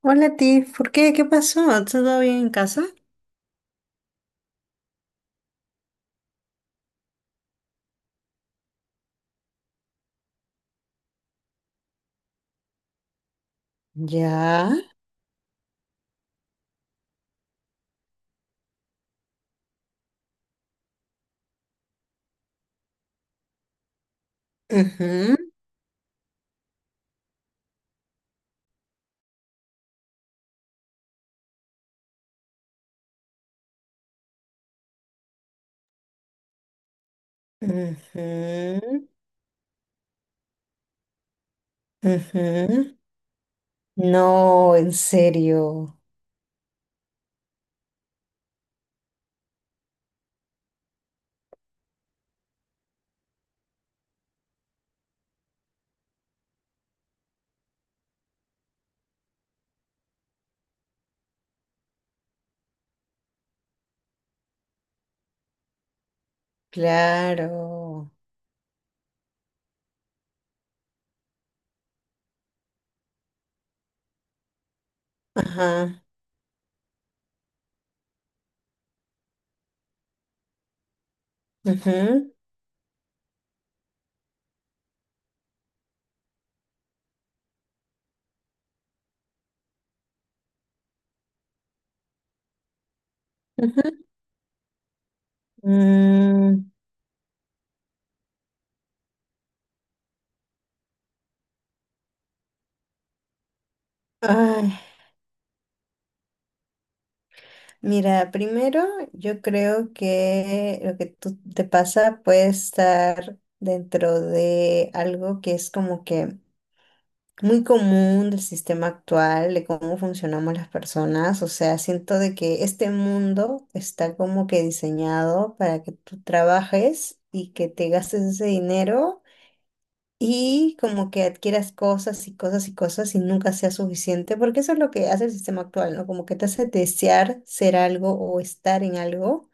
Hola, Tiff, ¿por qué? ¿Qué pasó? ¿Todo bien en casa? Ya. Ujú, ujú, ujú. No, en serio. Claro. Ajá. Ujú, ujú. Mm, ay, mira, primero yo creo que lo que tú te pasa puede estar dentro de algo que es como que muy común del sistema actual, de cómo funcionamos las personas. O sea, siento de que este mundo está como que diseñado para que tú trabajes y que te gastes ese dinero y como que adquieras cosas y cosas y cosas y nunca sea suficiente, porque eso es lo que hace el sistema actual, ¿no? Como que te hace desear ser algo o estar en algo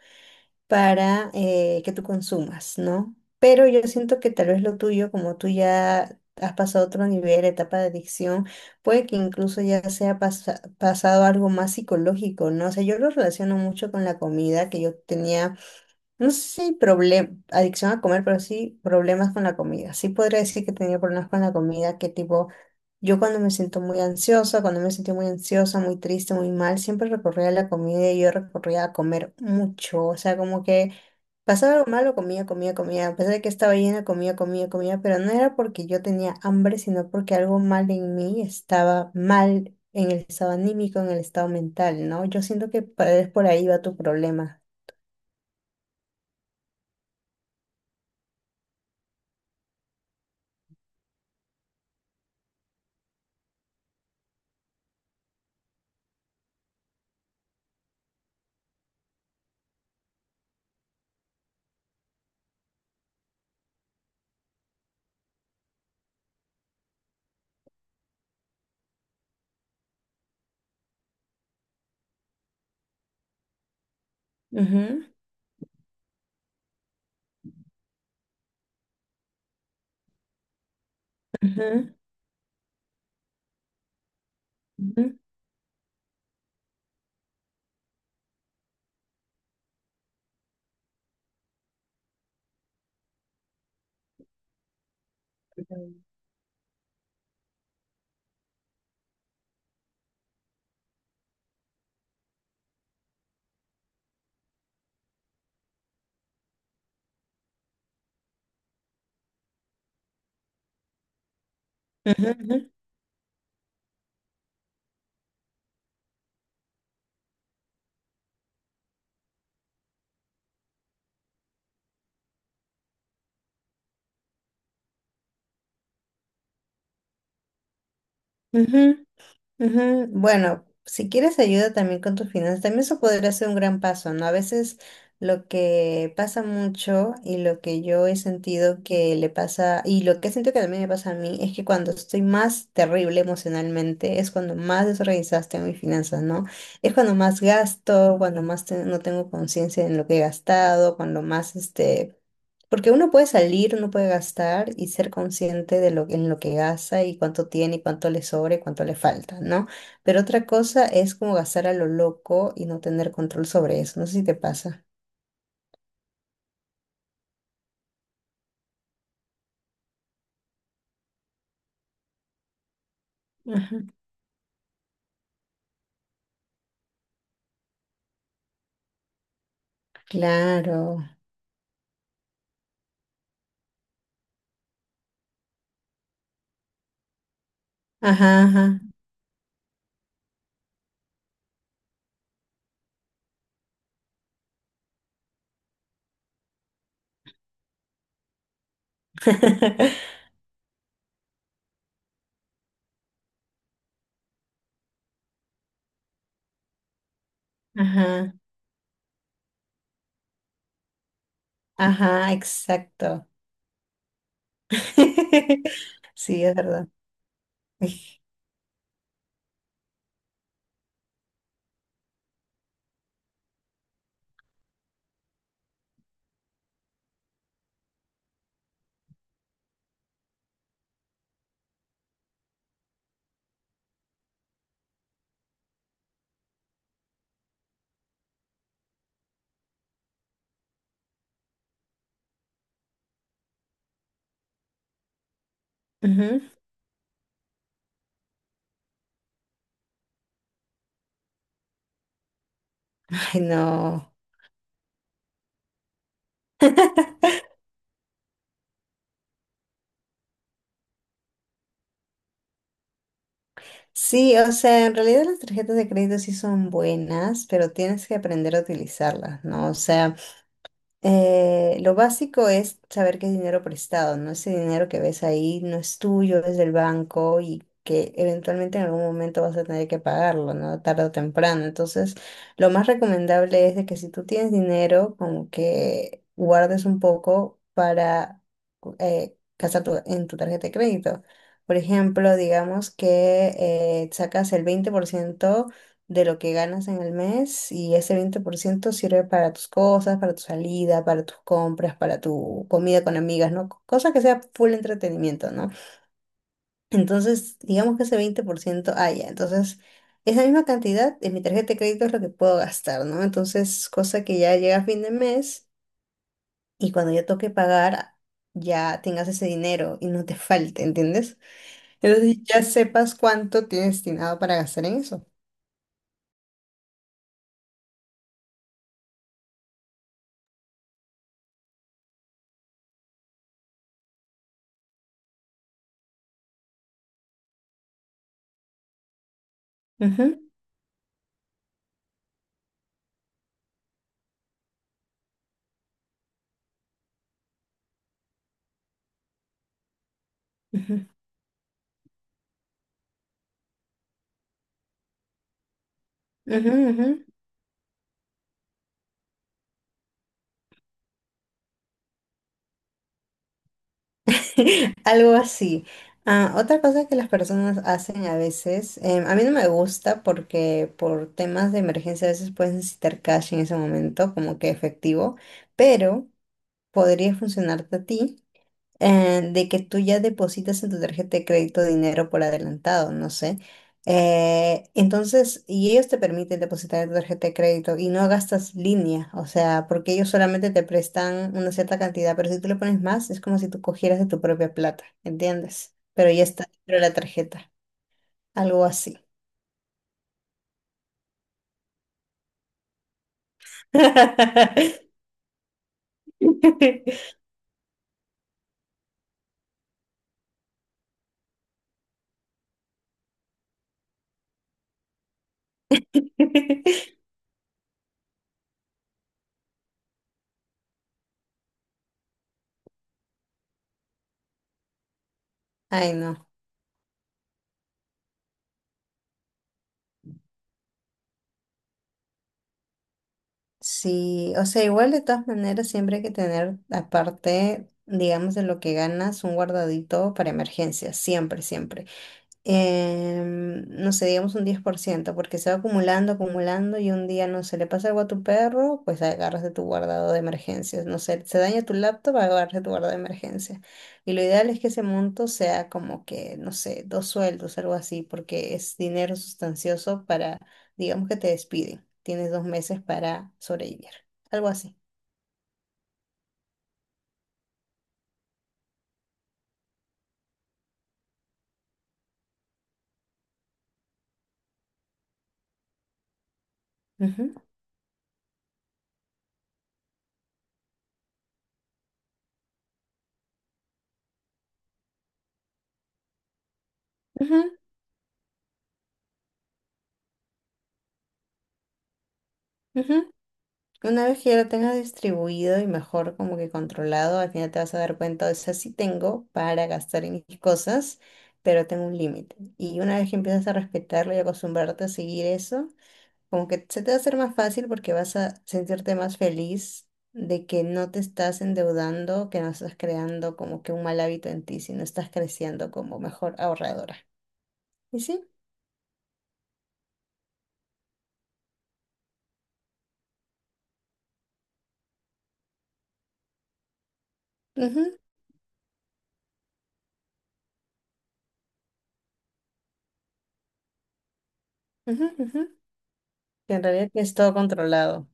para que tú consumas, ¿no? Pero yo siento que tal vez lo tuyo, como tú ya has pasado otro nivel, etapa de adicción, puede que incluso ya sea pasado algo más psicológico, ¿no? O sea, yo lo relaciono mucho con la comida, que yo tenía, no sé si problema, adicción a comer, pero sí problemas con la comida. Sí podría decir que tenía problemas con la comida, que tipo... Yo cuando me siento muy ansiosa, cuando me sentí muy ansiosa, muy triste, muy mal, siempre recorría a la comida y yo recorría a comer mucho. O sea, como que pasaba algo malo, comía, comía, comía. A pesar de que estaba llena, comía, comía, comía. Pero no era porque yo tenía hambre, sino porque algo mal en mí estaba mal en el estado anímico, en el estado mental, ¿no? Yo siento que es por ahí va tu problema. Ujú, ujú, ujú, ujú, ujú, ujú. Ujú. Ujú, bueno, si quieres ayuda también con tus finanzas, también eso podría ser un gran paso, ¿no? A veces lo que pasa mucho y lo que yo he sentido que le pasa, y lo que he sentido que también me pasa a mí, es que cuando estoy más terrible emocionalmente, es cuando más desorganizada tengo mis finanzas, ¿no? Es cuando más gasto, cuando más no tengo conciencia en lo que he gastado, cuando más este... Porque uno puede salir, uno puede gastar y ser consciente de lo, en lo que gasta y cuánto tiene y cuánto le sobra y cuánto le falta, ¿no? Pero otra cosa es como gastar a lo loco y no tener control sobre eso. No sé si te pasa. Ajá. Claro. Ajá, ajá. Ajá, ajá, exacto. Sí, es verdad. Ujú. Ay, no. Sí, o sea, en realidad las tarjetas de crédito sí son buenas, pero tienes que aprender a utilizarlas, ¿no? O sea, lo básico es saber que es dinero prestado, ¿no? Ese dinero que ves ahí no es tuyo, es del banco y que eventualmente en algún momento vas a tener que pagarlo, ¿no? Tarde o temprano. Entonces, lo más recomendable es de que si tú tienes dinero, como que guardes un poco para gastar en tu tarjeta de crédito. Por ejemplo, digamos que sacas el 20% de lo que ganas en el mes y ese 20% sirve para tus cosas, para tu salida, para tus compras, para tu comida con amigas, ¿no? Cosa que sea full entretenimiento, ¿no? Entonces, digamos que ese 20% haya. Entonces, esa misma cantidad en mi tarjeta de crédito es lo que puedo gastar, ¿no? Entonces, cosa que ya llega a fin de mes y cuando ya toque pagar, ya tengas ese dinero y no te falte, ¿entiendes? Entonces ya sepas cuánto tienes destinado para gastar en eso. Ujú, ujú, ujú, ujú. Algo así. Ah, otra cosa que las personas hacen a veces, a mí no me gusta porque por temas de emergencia a veces puedes necesitar cash en ese momento, como que efectivo, pero podría funcionarte a ti de que tú ya depositas en tu tarjeta de crédito dinero por adelantado, no sé. Entonces, y ellos te permiten depositar en tu tarjeta de crédito y no gastas línea, o sea, porque ellos solamente te prestan una cierta cantidad, pero si tú le pones más, es como si tú cogieras de tu propia plata, ¿entiendes? Pero ya está dentro de la tarjeta, algo así. Ay, no. Sí, o sea, igual de todas maneras siempre hay que tener aparte, digamos, de lo que ganas, un guardadito para emergencias, siempre, siempre no sé, digamos un 10% porque se va acumulando, acumulando y un día, no se le pasa algo a tu perro, pues agarras de tu guardado de emergencias, no sé, se daña tu laptop, agarras de tu guardado de emergencia. Y lo ideal es que ese monto sea como que, no sé, dos sueldos, algo así, porque es dinero sustancioso para, digamos que te despiden, tienes dos meses para sobrevivir, algo así. Ujú, ujú, ujú. Una vez que ya lo tengas distribuido y mejor como que controlado, al final te vas a dar cuenta, o sea, sí tengo para gastar en mis cosas, pero tengo un límite. Y una vez que empiezas a respetarlo y acostumbrarte a seguir eso, como que se te va a hacer más fácil porque vas a sentirte más feliz de que no te estás endeudando, que no estás creando como que un mal hábito en ti, sino estás creciendo como mejor ahorradora. ¿Y sí? Ujú, ujú, ujú. Que en realidad es todo controlado.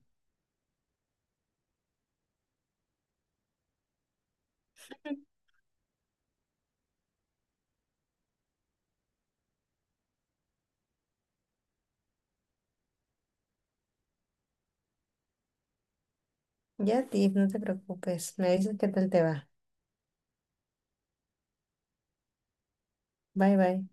Ya, Tiff, no te preocupes. Me dices qué tal te va. Bye, bye.